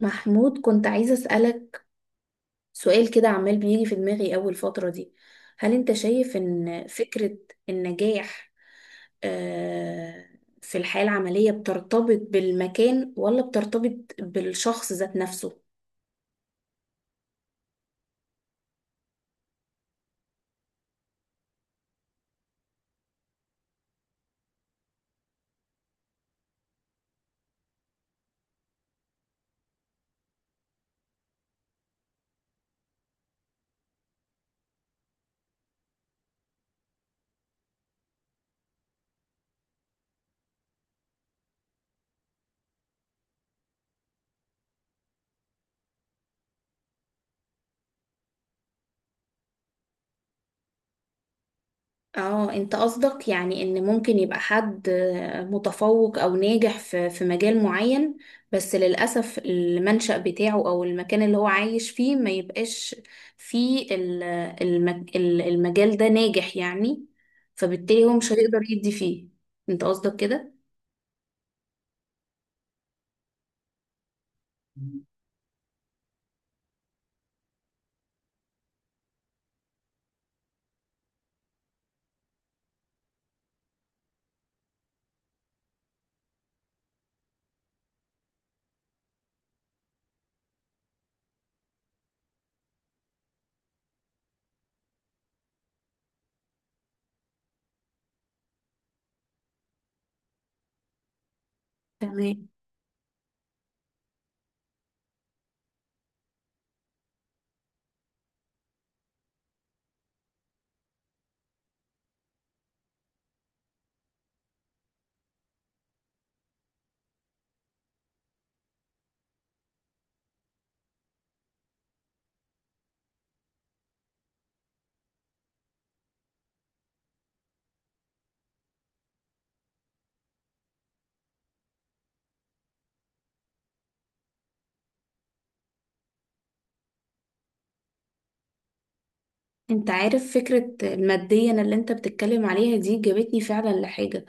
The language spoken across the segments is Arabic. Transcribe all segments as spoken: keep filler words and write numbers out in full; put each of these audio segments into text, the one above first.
محمود كنت عايزة أسألك سؤال كده عمال بيجي في دماغي أول فترة دي. هل أنت شايف إن فكرة النجاح، آه، في الحياة العملية بترتبط بالمكان ولا بترتبط بالشخص ذات نفسه؟ اه، انت قصدك يعني ان ممكن يبقى حد متفوق او ناجح في في مجال معين، بس للأسف المنشأ بتاعه او المكان اللي هو عايش فيه ما يبقاش فيه ال- المج- ال- المجال ده ناجح، يعني فبالتالي هو مش هيقدر يدي فيه. انت قصدك كده؟ تمام. انت عارف فكرة المادية اللي انت بتتكلم عليها دي جابتني فعلا لحاجة،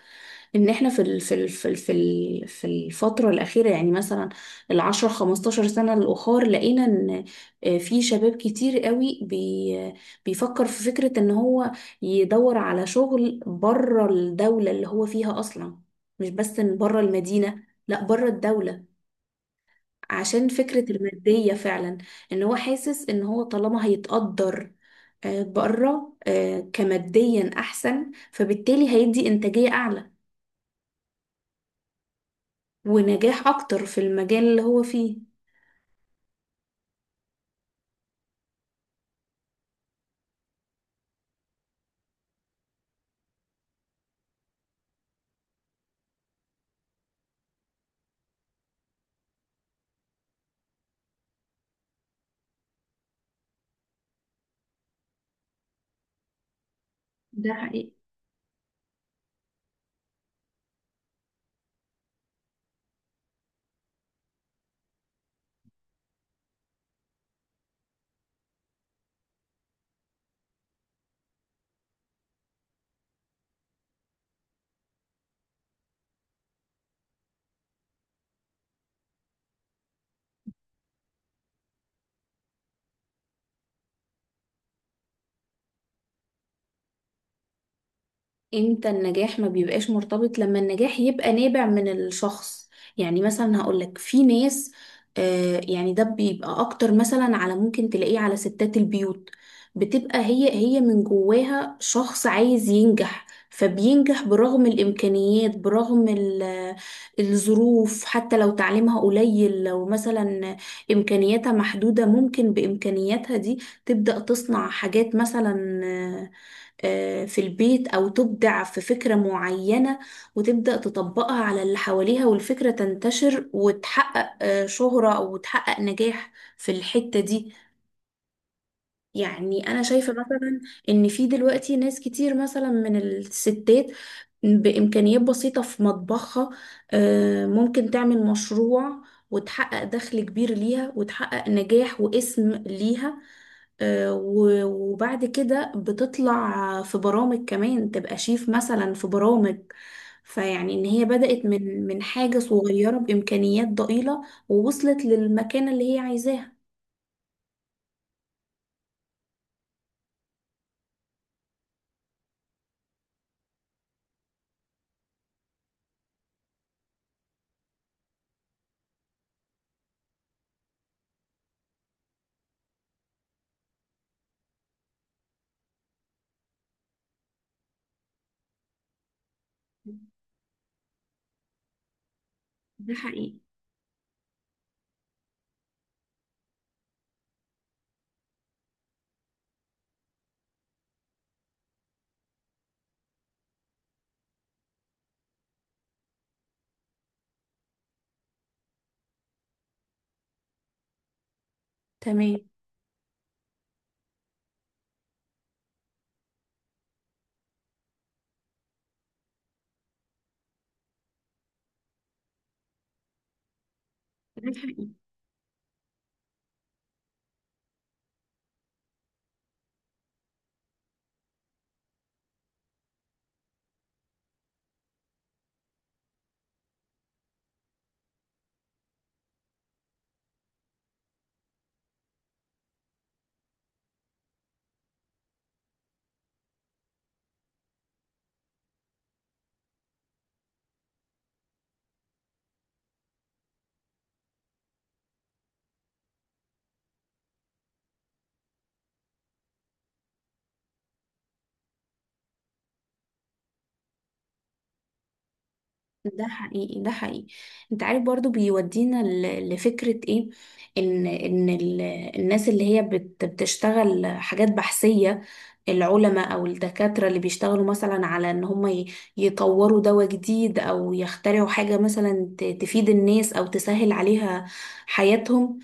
ان احنا في ال في ال في ال في ال- في الفتره الاخيره، يعني مثلا العشرة خمستاشر سنه الاخر، لقينا ان آه، في شباب كتير قوي بي بيفكر في فكره ان هو يدور على شغل بره الدوله اللي هو فيها اصلا، مش بس ان بره المدينه، لا بره الدوله، عشان فكره الماديه فعلا. ان هو حاسس ان هو طالما هيتقدر بره كماديا احسن، فبالتالي هيدي انتاجيه اعلى ونجاح اكتر في المجال اللي هو فيه. ده حقيقي. امتى النجاح ما بيبقاش مرتبط؟ لما النجاح يبقى نابع من الشخص. يعني مثلا هقولك في ناس، آه يعني ده بيبقى اكتر مثلا على، ممكن تلاقيه على ستات البيوت، بتبقى هي هي من جواها شخص عايز ينجح فبينجح برغم الامكانيات، برغم ال- الظروف. حتى لو تعليمها قليل، لو مثلا امكانياتها محدودة، ممكن بامكانياتها دي تبدأ تصنع حاجات مثلا، آه، في البيت، أو تبدع في فكرة معينة وتبدأ تطبقها على اللي حواليها والفكرة تنتشر وتحقق آه، شهرة أو تحقق نجاح في الحتة دي. يعني أنا شايفة مثلا إن في دلوقتي ناس كتير مثلا من الستات بإمكانيات بسيطة في مطبخها، آه، ممكن تعمل مشروع وتحقق دخل كبير ليها وتحقق نجاح واسم ليها. آه، و- وبعد كده بتطلع في برامج، كمان تبقى شيف مثلا في برامج. فيعني ان هي بدأت من من حاجة صغيرة بإمكانيات ضئيلة ووصلت للمكانة اللي هي عايزاها. ده حقيقي. تمام. ده حقيقي. ده حقيقي. ده حقيقي. انت عارف برضو بيودينا ل- لفكرة ايه، ان ان ال- الناس اللي هي بت- بتشتغل حاجات بحثية، العلماء او الدكاترة اللي بيشتغلوا مثلا على ان هم ي- يطوروا دواء جديد او يخترعوا حاجة مثلا ت- تفيد الناس او تسهل عليها حياتهم،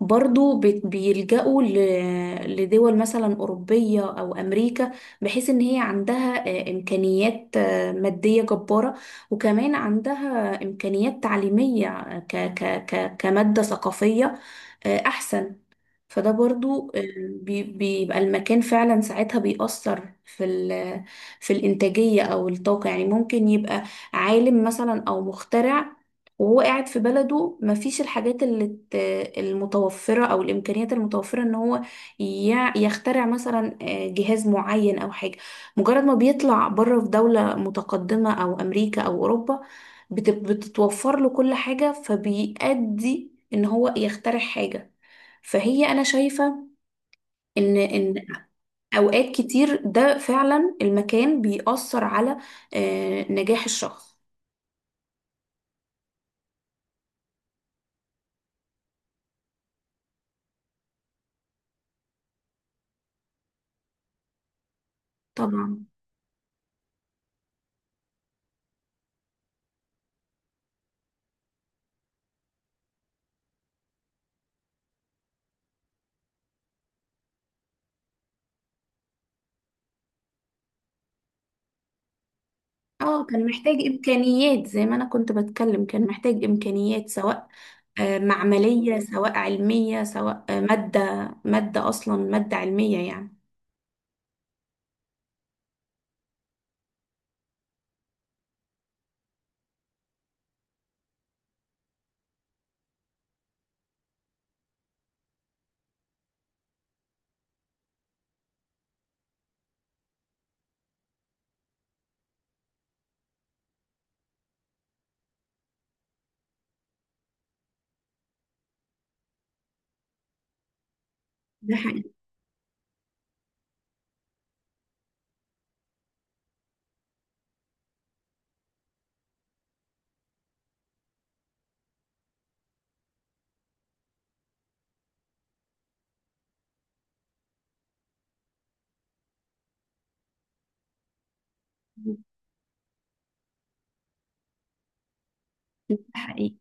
برضو بت- بيلجأوا ل- لدول مثلا أوروبية أو أمريكا بحيث إن هي عندها آه، إمكانيات آه، مادية جبارة، وكمان عندها إمكانيات تعليمية، آه، ك ك ك كمادة ثقافية آه، أحسن. فده برضو آه، بي- بيبقى المكان فعلا ساعتها بيأثر في ال- في الإنتاجية أو الطاقة. يعني ممكن يبقى عالم مثلا أو مخترع وهو قاعد في بلده، مفيش الحاجات اللي ت- المتوفرة أو الإمكانيات المتوفرة إن هو يع- يخترع مثلا، آه، جهاز معين أو حاجة. مجرد ما بيطلع بره في دولة متقدمة أو أمريكا أو أوروبا، بت- بتتوفر له كل حاجة، فبيأدي إن هو يخترع حاجة. فهي انا شايفة ان ان اوقات كتير ده فعلا المكان بيأثر على آه، نجاح الشخص. طبعا، اه كان محتاج امكانيات، زي ما انا كنت بتكلم، كان محتاج امكانيات سواء آه، معملية، سواء علمية، سواء آه، مادة، مادة اصلا مادة علمية يعني. ده حقيقي. ده حقيقي.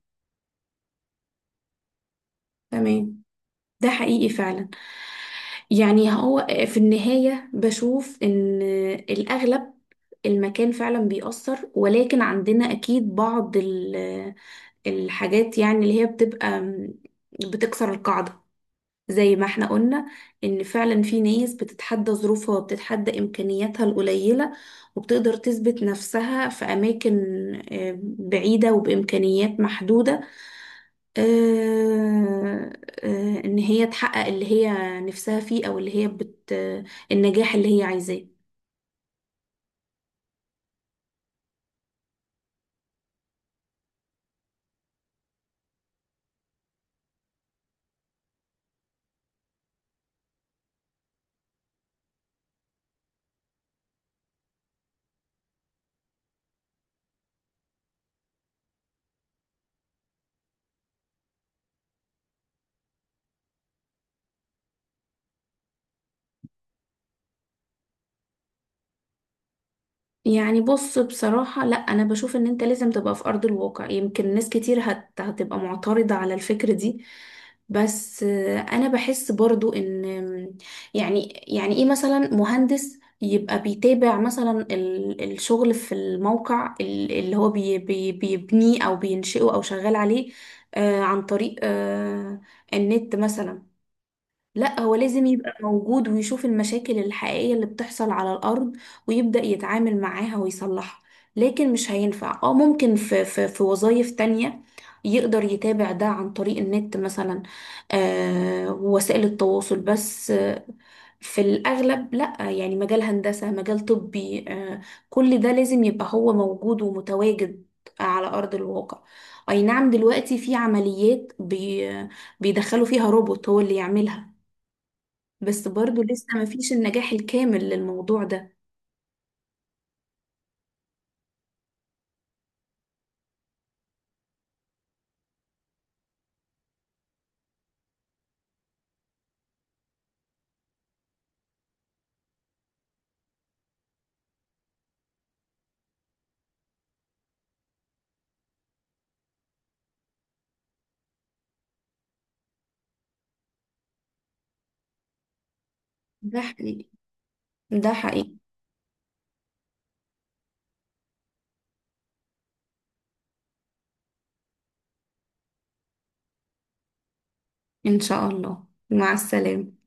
تمام. ده حقيقي فعلا. يعني هو في النهاية بشوف إن الأغلب المكان فعلا بيأثر، ولكن عندنا أكيد بعض ال- الحاجات يعني اللي هي بتبقى م- بتكسر القاعدة، زي ما احنا قلنا إن فعلا في ناس بتتحدى ظروفها وبتتحدى إمكانياتها القليلة، وبتقدر تثبت نفسها في أماكن آه، بعيدة وبإمكانيات محدودة، آه، آه، ان هي تحقق اللي هي نفسها فيه، او اللي هي بت آه، النجاح اللي هي عايزاه. يعني بص، بصراحة لا، أنا بشوف إن أنت لازم تبقى في أرض الواقع. يمكن ناس كتير هت... هتبقى معترضة على الفكرة دي، بس آه، أنا بحس برضو إن، يعني يعني إيه مثلا مهندس يبقى بيتابع مثلا ال... الشغل في الموقع ال- اللي هو بي... بي... بيبنيه أو بينشئه أو شغال عليه، آه، عن طريق آه، النت مثلا. لا، هو لازم يبقى موجود ويشوف المشاكل الحقيقية اللي بتحصل على الأرض ويبدأ يتعامل معاها ويصلحها. لكن مش هينفع. اه ممكن في في في وظائف تانية يقدر يتابع ده عن طريق النت مثلا، آه، ووسائل التواصل، بس آه في الأغلب لا، يعني مجال هندسة، مجال طبي، آه كل ده لازم يبقى هو موجود ومتواجد على أرض الواقع. أي نعم، دلوقتي في عمليات بي بيدخلوا فيها روبوت هو اللي يعملها، بس برضو لسه ما فيش النجاح الكامل للموضوع ده. ده حقيقي. ده حقيقي. إن شاء الله. مع السلامة.